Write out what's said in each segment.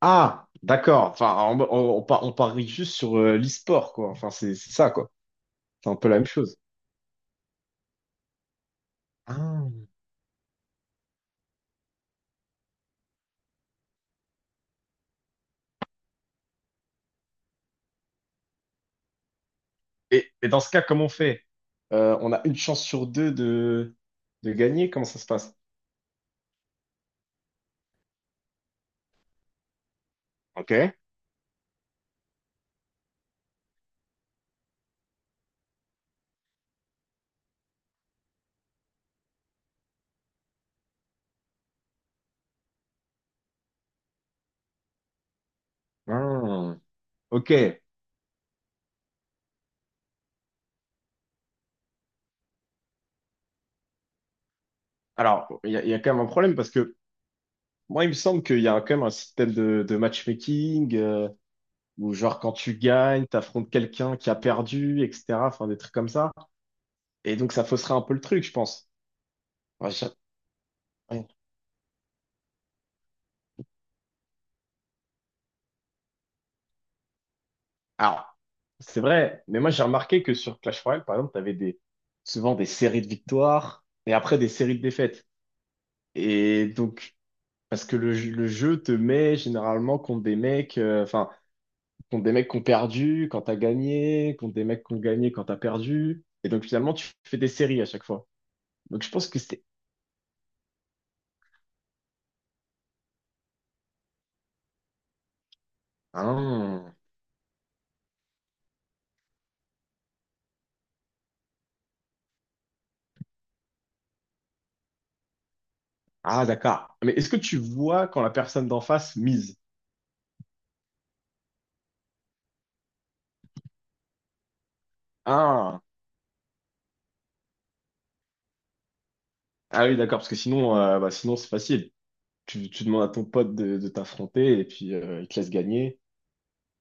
Ah, d'accord. Enfin, on parie juste sur l'e-sport, quoi. Enfin, c'est ça, quoi. C'est un peu la même chose. Ah. Et dans ce cas, comment on fait? On a une chance sur deux de, gagner. Comment ça se passe? Ok. Ah. Ok. Alors, il y a quand même un problème parce que moi, il me semble qu'il y a quand même un système de matchmaking où, genre, quand tu gagnes, t'affrontes quelqu'un qui a perdu, etc. Enfin, des trucs comme ça. Et donc, ça fausserait un peu le truc, je pense. Ouais, ouais. Alors, c'est vrai, mais moi j'ai remarqué que sur Clash Royale, par exemple, t'avais souvent des séries de victoires et après des séries de défaites. Et donc, parce que le jeu te met généralement contre des mecs, enfin, contre des mecs qui ont perdu quand t'as gagné, contre des mecs qui ont gagné quand t'as perdu. Et donc finalement, tu fais des séries à chaque fois. Donc je pense que c'était... Ah, ah, d'accord. Mais est-ce que tu vois quand la personne d'en face mise? Ah, ah oui, d'accord, parce que sinon, bah, sinon c'est facile. Tu demandes à ton pote de, t'affronter et puis il te laisse gagner.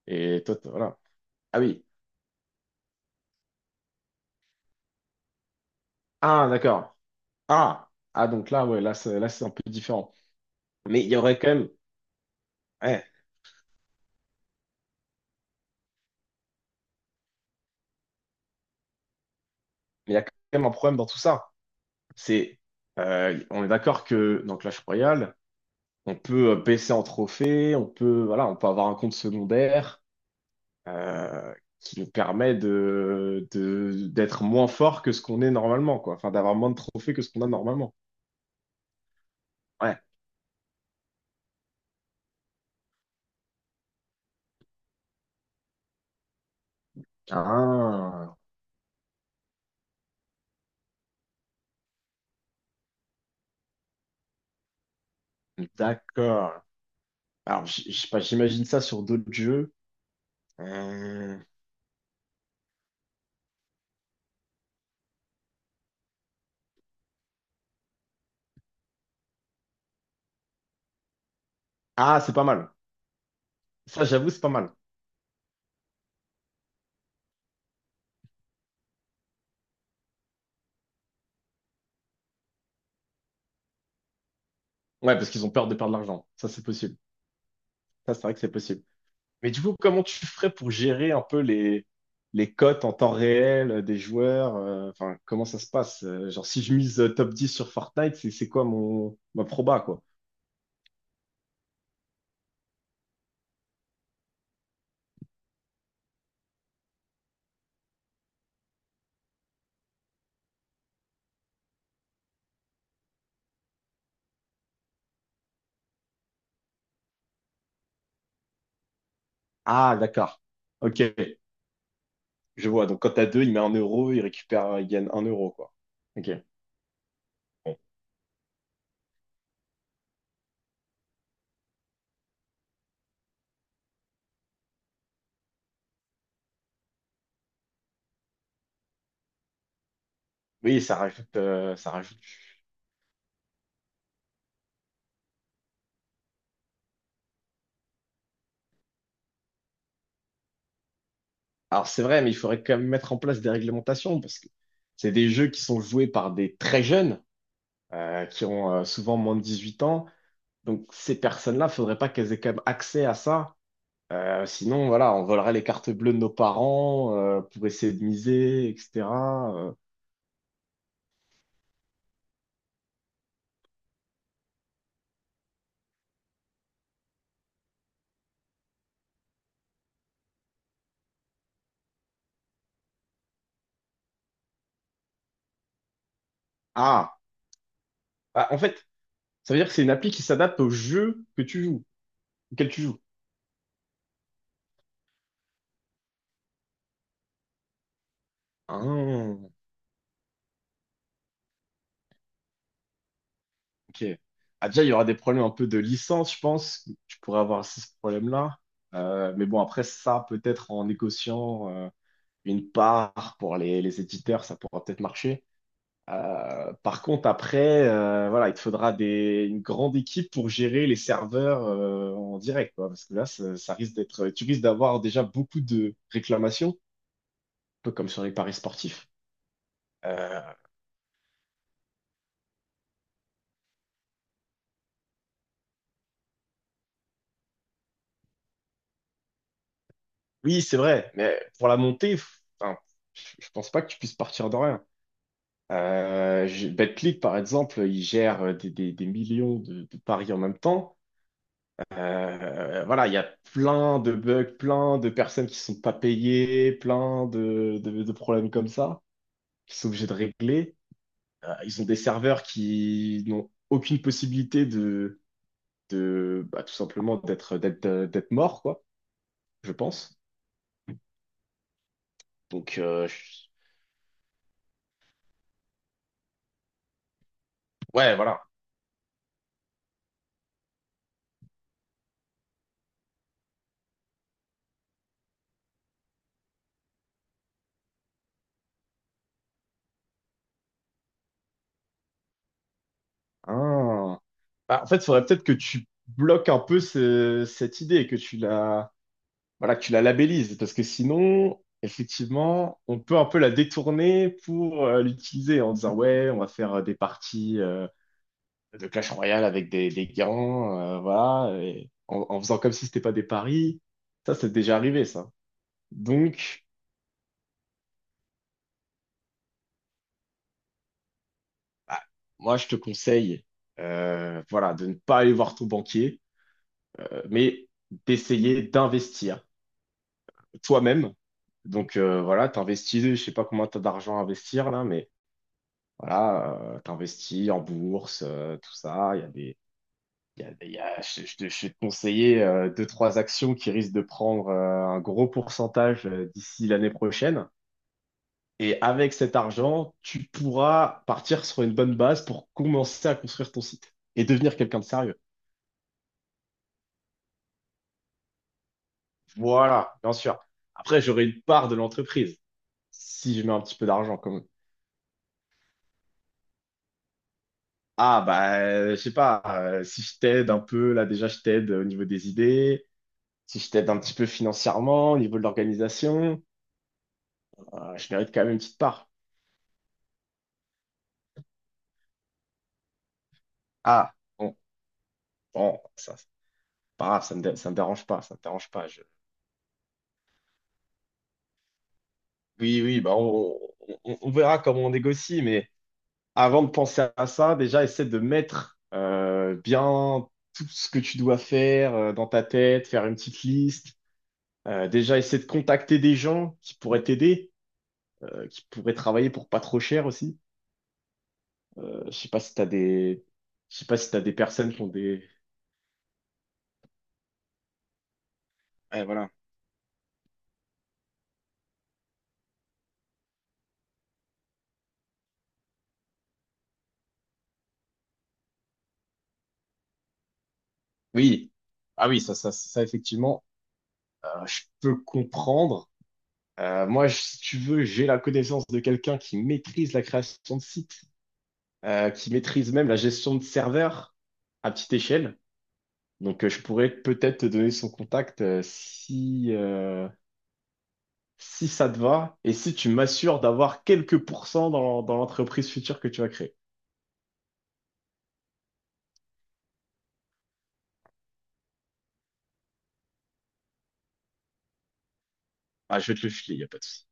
Et toi, voilà. Ah oui. Ah, d'accord. Ah. Ah, donc là, ouais, là, là, c'est un peu différent. Mais il y aurait quand même, ouais, mais il y a quand même un problème dans tout ça. C'est, on est d'accord que dans Clash Royale, on peut baisser en trophée, on peut, voilà, on peut avoir un compte secondaire euh, qui nous permet d'être moins fort que ce qu'on est normalement, quoi. Enfin, d'avoir moins de trophées que ce qu'on a normalement. Ouais. Ah. D'accord. Alors, je sais pas, j'imagine ça sur d'autres jeux. Euh, Ah, c'est pas mal. Ça, j'avoue, c'est pas mal. Ouais, parce qu'ils ont peur de perdre de l'argent. Ça, c'est possible. Ça, c'est vrai que c'est possible. Mais du coup, comment tu ferais pour gérer un peu les cotes en temps réel des joueurs? Enfin, comment ça se passe? Genre, si je mise top 10 sur Fortnite, c'est quoi mon ma proba, quoi? Ah, d'accord. Ok, je vois. Donc, quand t'as deux, il met un euro, il récupère, il gagne un euro, quoi. Ok. Bon. Oui, ça rajoute. Alors c'est vrai, mais il faudrait quand même mettre en place des réglementations parce que c'est des jeux qui sont joués par des très jeunes, qui ont souvent moins de 18 ans. Donc ces personnes-là, faudrait pas qu'elles aient quand même accès à ça. Sinon, voilà, on volerait les cartes bleues de nos parents pour essayer de miser, etc. Euh, Ah, Ah, en fait, ça veut dire que c'est une appli qui s'adapte au jeu auquel tu joues. Ah. Ok. Ah, déjà, il y aura des problèmes un peu de licence, je pense. Tu pourrais avoir aussi ce problème-là. Mais bon, après, ça, peut-être en négociant une part pour les éditeurs, ça pourra peut-être marcher. Par contre, après, voilà, il te faudra une grande équipe pour gérer les serveurs en direct, quoi, parce que là, tu risques d'avoir déjà beaucoup de réclamations, un peu comme sur les paris sportifs. Euh, oui, c'est vrai, mais pour la montée, enfin, je pense pas que tu puisses partir de rien. Betclic, par exemple, il gère des millions de paris en même temps. Voilà, il y a plein de bugs, plein de personnes qui sont pas payées, plein de, de problèmes comme ça, qui sont obligés de régler. Ils ont des serveurs qui n'ont aucune possibilité de, bah, tout simplement d'être morts, quoi, je pense. Donc, ouais, voilà. Hein. Bah, en fait, il faudrait peut-être que tu bloques un peu cette idée, que tu la voilà, que tu la labellises, parce que sinon, effectivement, on peut un peu la détourner pour l'utiliser en disant, ouais, on va faire des parties de Clash Royale avec des gants, voilà, et en faisant comme si c'était pas des paris. Ça, c'est déjà arrivé, ça. Donc, bah, moi, je te conseille, voilà, de ne pas aller voir ton banquier, mais d'essayer d'investir toi-même. Donc, voilà, t'investis, je sais pas combien t'as d'argent à investir, là, mais voilà, t'investis en bourse, tout ça. Il y a des, il y a, je vais te conseiller deux, trois actions qui risquent de prendre un gros pourcentage d'ici l'année prochaine. Et avec cet argent, tu pourras partir sur une bonne base pour commencer à construire ton site et devenir quelqu'un de sérieux. Voilà, bien sûr. Après, j'aurai une part de l'entreprise si je mets un petit peu d'argent quand même. Ah, bah, je sais pas, si je t'aide un peu, là déjà, je t'aide au niveau des idées. Si je t'aide un petit peu financièrement, au niveau de l'organisation, je mérite quand même une petite part. Ah, bon, bon, ça, c'est pas grave, ça me dérange pas, ça me dérange pas. Oui, oui, bah on verra comment on négocie, mais avant de penser à ça, déjà, essaie de mettre bien tout ce que tu dois faire dans ta tête, faire une petite liste. Déjà, essaie de contacter des gens qui pourraient t'aider, qui pourraient travailler pour pas trop cher aussi. Euh, je sais pas si t'as des, je sais pas si t'as des personnes ouais, voilà. Oui, ah oui, ça, ça effectivement, je peux comprendre. Moi, si tu veux, j'ai la connaissance de quelqu'un qui maîtrise la création de sites, qui maîtrise même la gestion de serveurs à petite échelle. Donc, je pourrais peut-être te donner son contact si ça te va et si tu m'assures d'avoir quelques pourcents dans l'entreprise future que tu vas créer. Ah, je vais te le filer, il n'y a pas de souci.